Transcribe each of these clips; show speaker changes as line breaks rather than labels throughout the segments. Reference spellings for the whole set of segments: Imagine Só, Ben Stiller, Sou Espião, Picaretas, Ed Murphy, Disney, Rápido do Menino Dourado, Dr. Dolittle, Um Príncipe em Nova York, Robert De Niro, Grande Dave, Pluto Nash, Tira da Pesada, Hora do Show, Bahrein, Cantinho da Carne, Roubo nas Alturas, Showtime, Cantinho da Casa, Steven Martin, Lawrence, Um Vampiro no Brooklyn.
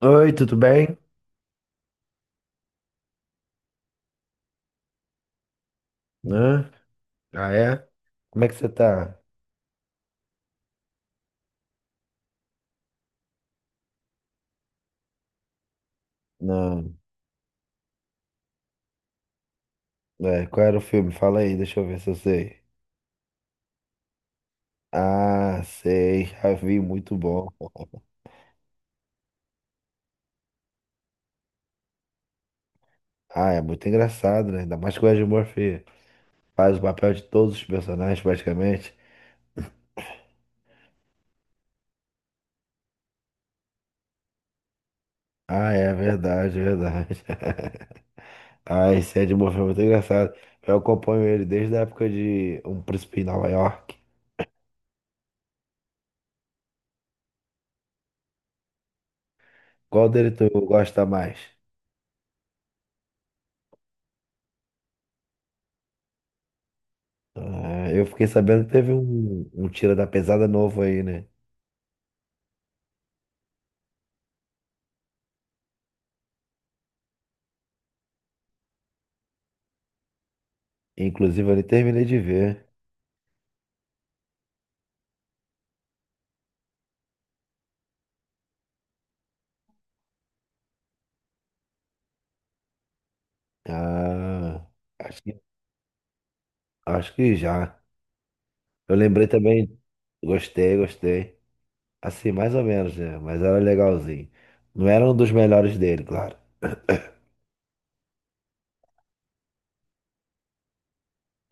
Oi, tudo bem? Né? Ah, é? Como é que você tá? Não. É, qual era o filme? Fala aí, deixa eu ver se eu sei. Ah, sei, já vi, muito bom. Ah, é muito engraçado, né? Ainda mais que o Ed Murphy faz o papel de todos os personagens, praticamente. Ah, é verdade, é verdade. Ah, esse Ed Murphy é muito engraçado. Eu acompanho ele desde a época de Um Príncipe em Nova York. Qual dele tu gosta mais? Ah, eu fiquei sabendo que teve um Tira da Pesada novo aí, né? Inclusive, eu nem terminei de ver. Ah, acho que, acho que já. Eu lembrei também. Gostei, gostei. Assim, mais ou menos, né? Mas era legalzinho. Não era um dos melhores dele, claro.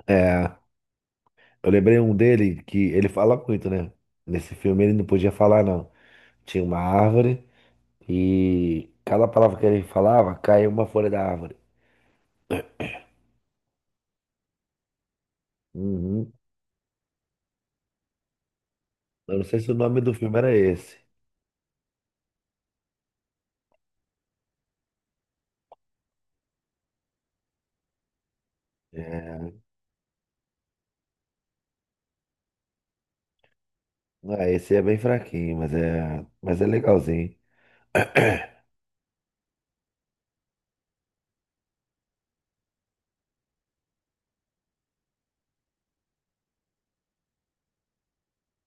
É, eu lembrei um dele que ele fala muito, né? Nesse filme ele não podia falar, não. Tinha uma árvore e cada palavra que ele falava caía uma folha da árvore. Uhum. Eu não sei se o nome do filme era esse. É, não, esse é bem fraquinho, mas é legalzinho.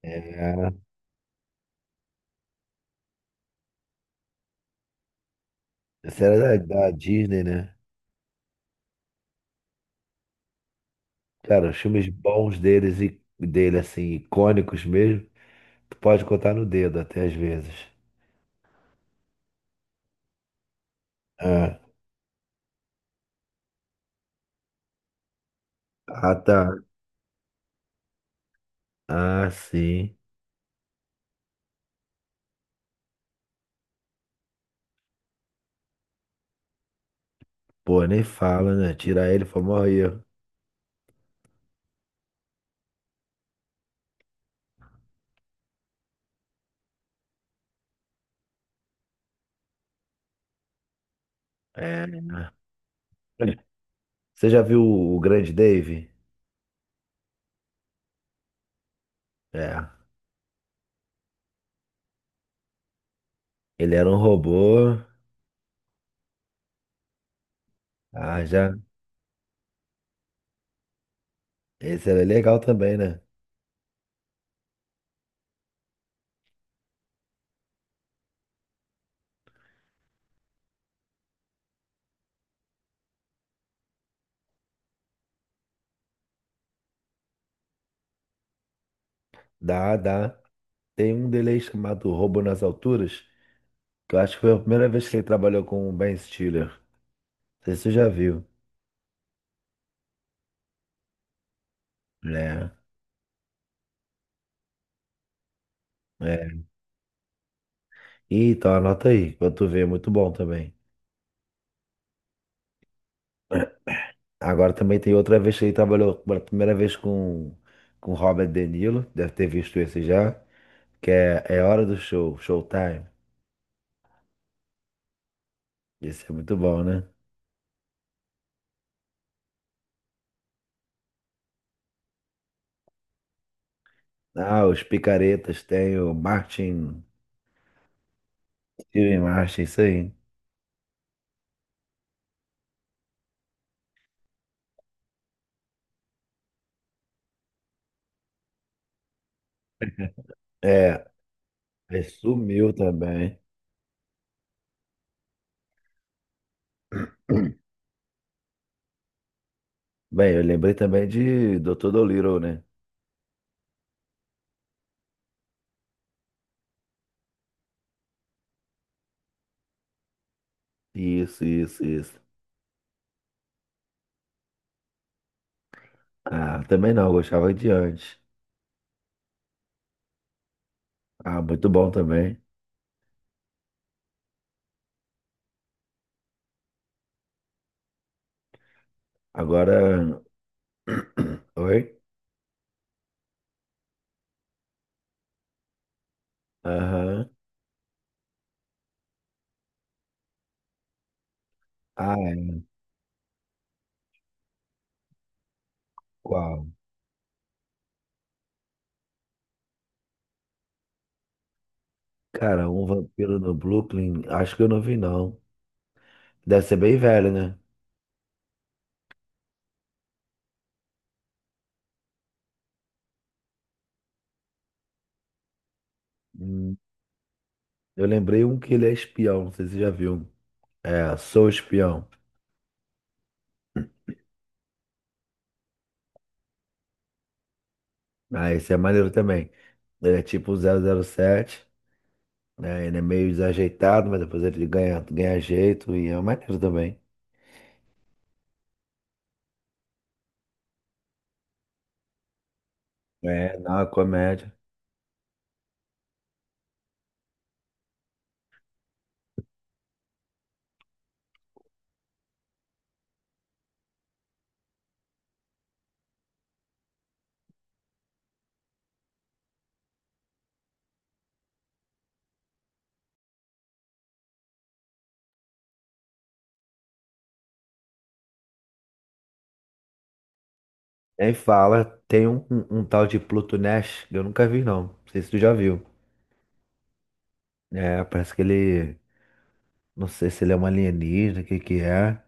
É, esse era da Disney, né? Cara, os filmes bons deles e dele, assim, icônicos mesmo, tu pode contar no dedo até às vezes. É. Ah, tá. Ah, sim. Pô, nem fala, né? Tirar ele foi o maior erro. É. Você já viu o Grande Dave? É. Ele era um robô. Ah, já. Esse era legal também, né? Dá, dá. Tem um dele aí chamado Roubo nas Alturas, que eu acho que foi a primeira vez que ele trabalhou com o Ben Stiller. Não sei se você já viu, né? É. Ih, então anota aí, pra tu ver, é muito bom também. Agora também tem outra vez que ele trabalhou pela primeira vez com Robert De Niro, deve ter visto esse já, que é Hora do Show, Showtime. Esse é muito bom, né? Ah, os Picaretas tem o Martin, Steven Martin, isso aí. É, ele sumiu também. Bem, eu lembrei também de Dr. Dolittle, né? Isso, isso, isso. Ah, também não, eu gostava de antes. Ah, muito bom também. Agora. Oi? Aham. Ah, é. Qual? Cara, um vampiro no Brooklyn, acho que eu não vi, não. Deve ser bem velho, né? Hum, eu lembrei um que ele é espião, não sei se você já viu. É, Sou Espião. Ah, esse é maneiro também. Ele é tipo 007, né? Ele é meio desajeitado, mas depois ele ganha, ganha jeito e é maneiro também. É, não, é comédia. E aí fala, tem um tal de Pluto Nash, que eu nunca vi não. Não sei se tu já viu. É, parece que ele. Não sei se ele é um alienígena, o que que é.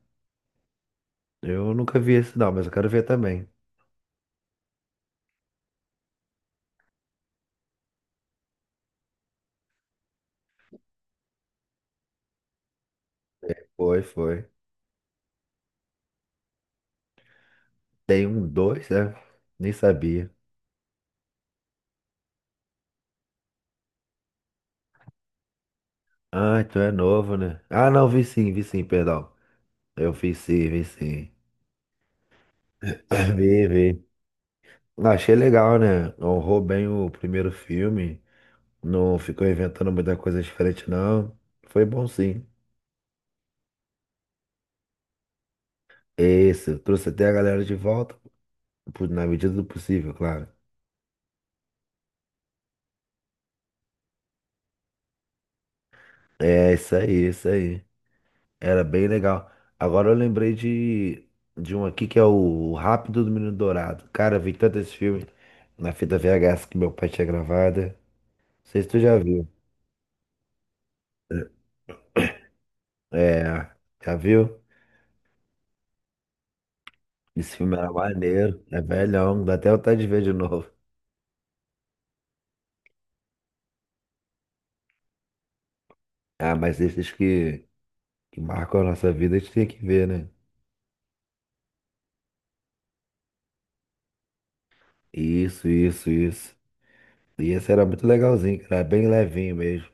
Eu nunca vi esse não, mas eu quero ver também. Foi, foi. Tem um dois, né? Nem sabia. Ah, então é novo, né? Ah, não, vi sim, perdão. Eu vi sim, vi sim. Vi, vi. Achei legal, né? Honrou bem o primeiro filme. Não ficou inventando muita coisa diferente, não. Foi bom, sim. Esse, trouxe até a galera de volta, pô, na medida do possível, claro. É, isso aí, é isso aí. Era bem legal. Agora eu lembrei de um aqui que é o Rápido do Menino Dourado. Cara, eu vi tanto esse filme na fita VHS que meu pai tinha gravada. Não sei se tu já viu. É, já viu? Esse filme era maneiro, é velhão, dá até vontade de ver de novo. Ah, mas esses que marcam a nossa vida, a gente tem que ver, né? Isso, isso, isso. E esse era muito legalzinho, cara. Era bem levinho mesmo.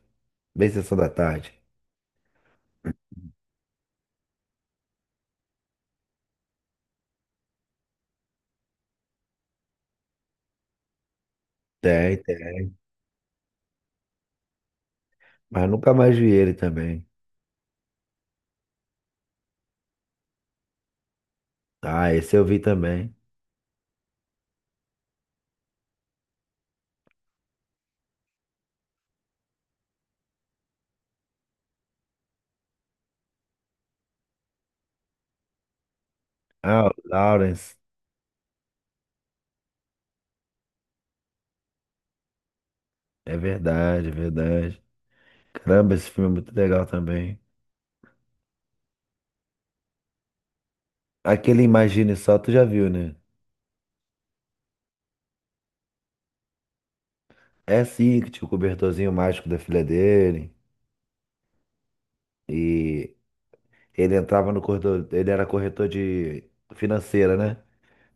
Bem sessão da tarde. Tem, tem. Mas nunca mais vi ele também. Ah, esse eu vi também. Ah, o Lawrence. É verdade, é verdade. Caramba, esse filme é muito legal também. Aquele Imagine Só, tu já viu, né? É sim, que tinha o cobertorzinho mágico da filha dele. E ele entrava no corretor. Ele era corretor de financeira, né?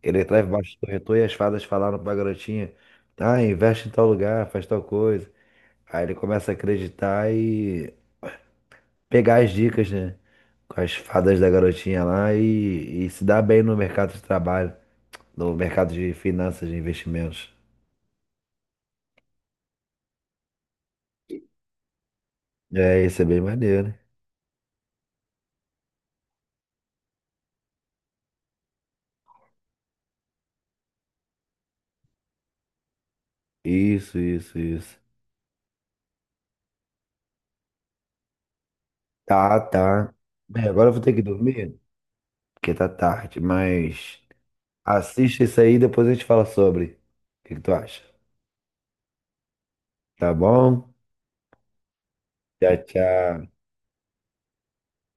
Ele atrás baixo do corretor e as fadas falaram pra garotinha: Ah, investe em tal lugar, faz tal coisa. Aí ele começa a acreditar e pegar as dicas, né? Com as fadas da garotinha lá e se dar bem no mercado de trabalho, no mercado de finanças, de investimentos. É, isso é bem maneiro. Isso, isso, isso. Tá, tá. Bem, agora eu vou ter que dormir, porque tá tarde, mas assista isso aí e depois a gente fala sobre. O que que tu acha? Tá bom? Tchau, tchau.